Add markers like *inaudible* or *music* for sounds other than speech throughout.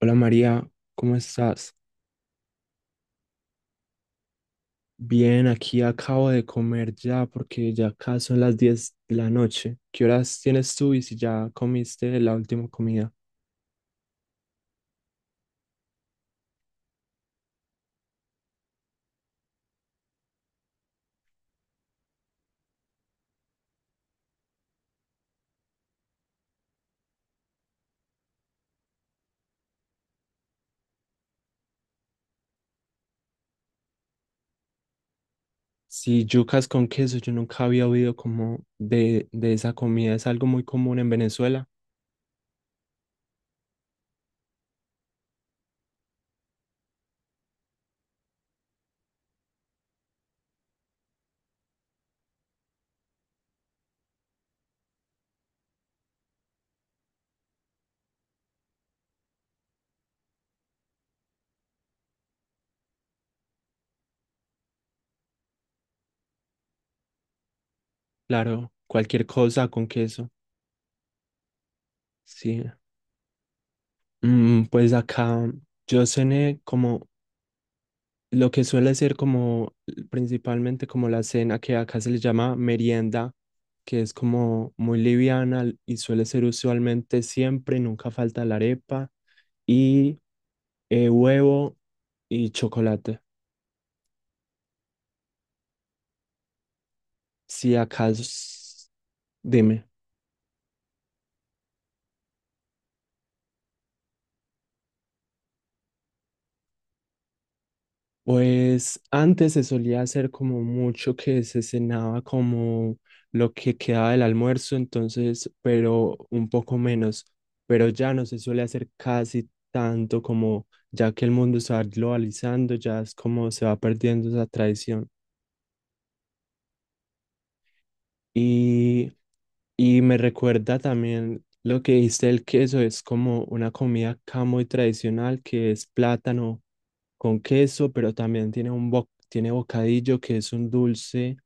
Hola María, ¿cómo estás? Bien, aquí acabo de comer ya porque ya acá son las 10 de la noche. ¿Qué horas tienes tú y si ya comiste la última comida? Si yucas con queso, yo nunca había oído como de esa comida. Es algo muy común en Venezuela. Claro, cualquier cosa con queso. Sí. Pues acá yo cené como lo que suele ser como principalmente como la cena que acá se le llama merienda, que es como muy liviana y suele ser usualmente siempre, nunca falta la arepa y huevo y chocolate. Si acaso, dime. Pues antes se solía hacer como mucho que se cenaba como lo que quedaba del almuerzo, entonces, pero un poco menos, pero ya no se suele hacer casi tanto como ya que el mundo se va globalizando, ya es como se va perdiendo esa tradición. Y, y me recuerda también lo que dijiste del queso, es como una comida acá muy tradicional que es plátano con queso, pero también tiene tiene bocadillo que es un dulce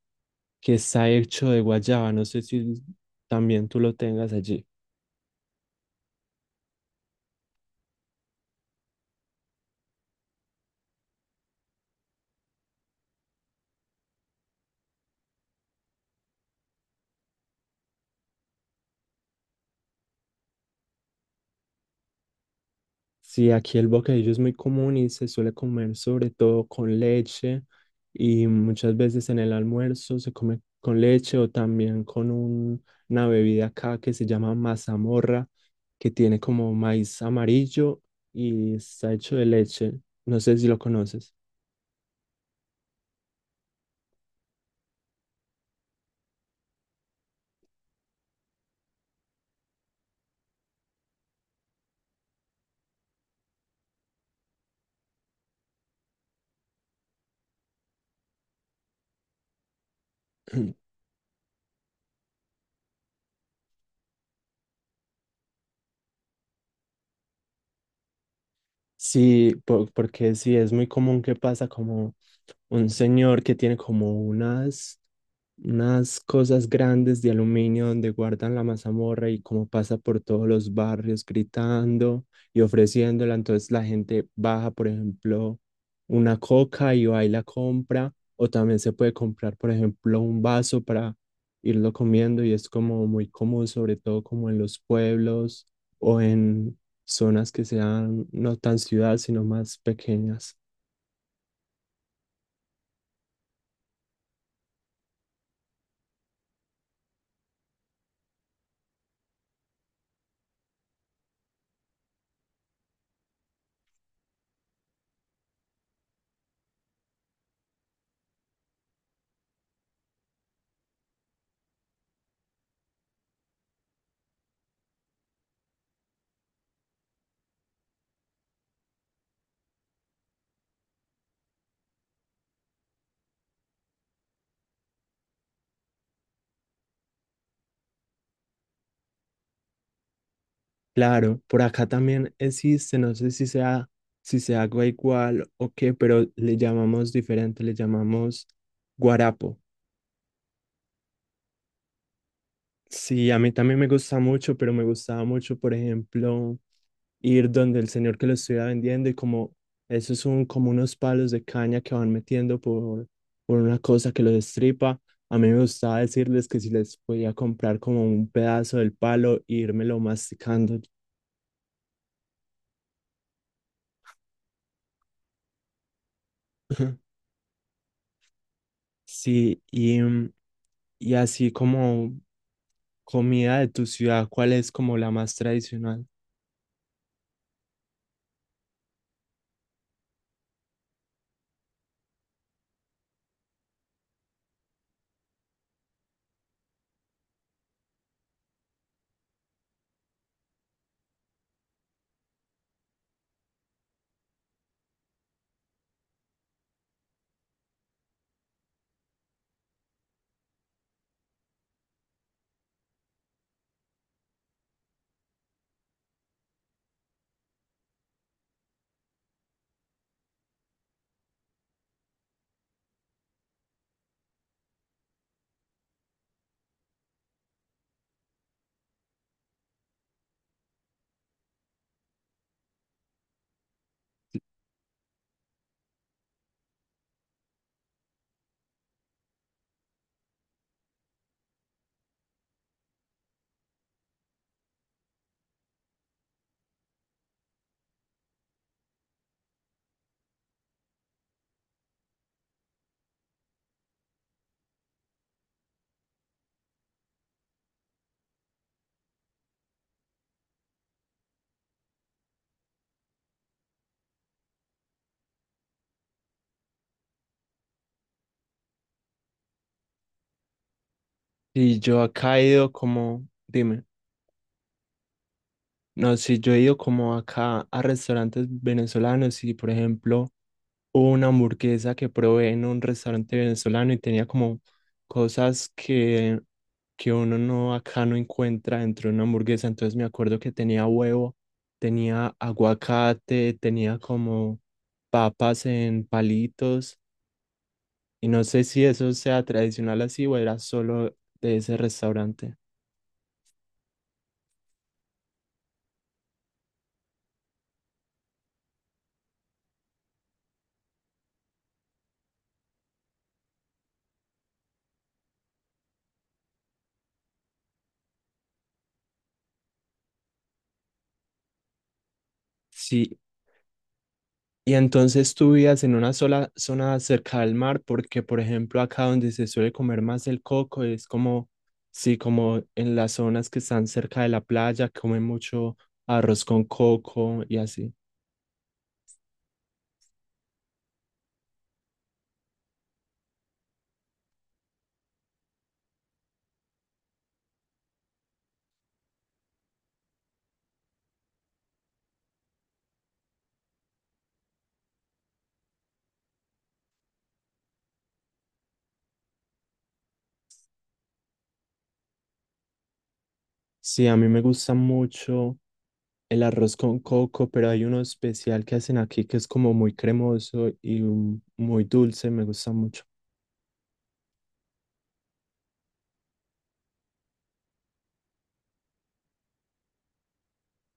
que está hecho de guayaba. No sé si también tú lo tengas allí. Sí, aquí el bocadillo es muy común y se suele comer sobre todo con leche y muchas veces en el almuerzo se come con leche o también con una bebida acá que se llama mazamorra, que tiene como maíz amarillo y está hecho de leche. No sé si lo conoces. Sí, porque sí, es muy común que pasa como un señor que tiene como unas cosas grandes de aluminio donde guardan la mazamorra y como pasa por todos los barrios gritando y ofreciéndola. Entonces la gente baja, por ejemplo, una coca y va y la compra. O también se puede comprar, por ejemplo, un vaso para irlo comiendo y es como muy común, sobre todo como en los pueblos o en zonas que sean no tan ciudad, sino más pequeñas. Claro, por acá también existe, no sé si se haga igual o qué, pero le llamamos diferente, le llamamos guarapo. Sí, a mí también me gusta mucho, pero me gustaba mucho, por ejemplo, ir donde el señor que lo estuviera vendiendo y como esos son como unos palos de caña que van metiendo por una cosa que los destripa. A mí me gustaba decirles que si les podía comprar como un pedazo del palo e írmelo masticando. *laughs* Sí, y y así como comida de tu ciudad, ¿cuál es como la más tradicional? Si yo acá he ido como, dime, no, si yo he ido como acá a restaurantes venezolanos y por ejemplo hubo una hamburguesa que probé en un restaurante venezolano y tenía como cosas que uno no acá no encuentra dentro de una hamburguesa, entonces me acuerdo que tenía huevo, tenía aguacate, tenía como papas en palitos. Y no sé si eso sea tradicional así o era solo de ese restaurante. Sí, y entonces tú vivías en una sola zona cerca del mar, porque por ejemplo acá donde se suele comer más el coco es como, sí, como en las zonas que están cerca de la playa, comen mucho arroz con coco y así. Sí, a mí me gusta mucho el arroz con coco, pero hay uno especial que hacen aquí que es como muy cremoso y muy dulce, me gusta mucho.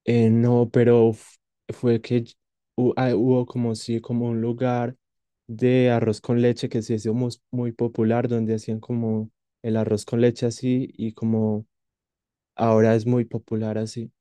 No, pero f- fue que ll- hu- ah, hubo como sí, como un lugar de arroz con leche que se hizo muy popular, donde hacían como el arroz con leche así y como ahora es muy popular así.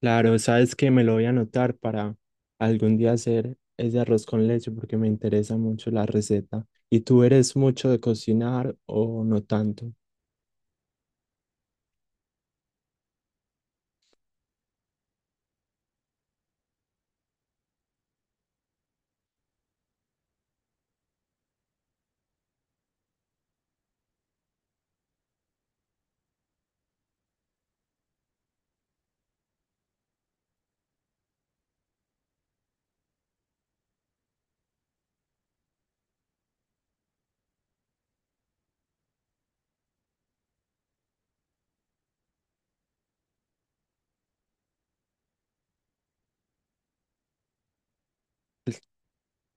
Claro, sabes que me lo voy a anotar para algún día hacer ese arroz con leche porque me interesa mucho la receta. ¿Y tú eres mucho de cocinar o no tanto?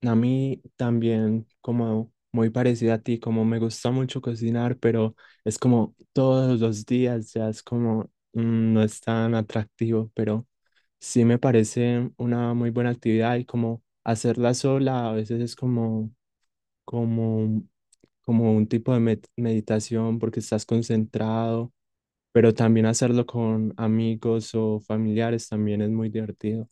A mí también, como muy parecida a ti, como me gusta mucho cocinar, pero es como todos los días, ya es como no es tan atractivo, pero sí me parece una muy buena actividad y como hacerla sola a veces es como, como, como un tipo de meditación porque estás concentrado, pero también hacerlo con amigos o familiares también es muy divertido.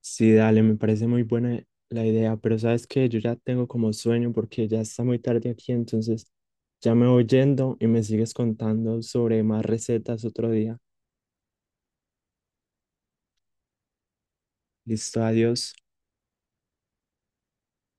Sí, dale, me parece muy buena la idea, pero sabes que yo ya tengo como sueño porque ya está muy tarde aquí, entonces ya me voy yendo y me sigues contando sobre más recetas otro día. Listo, adiós.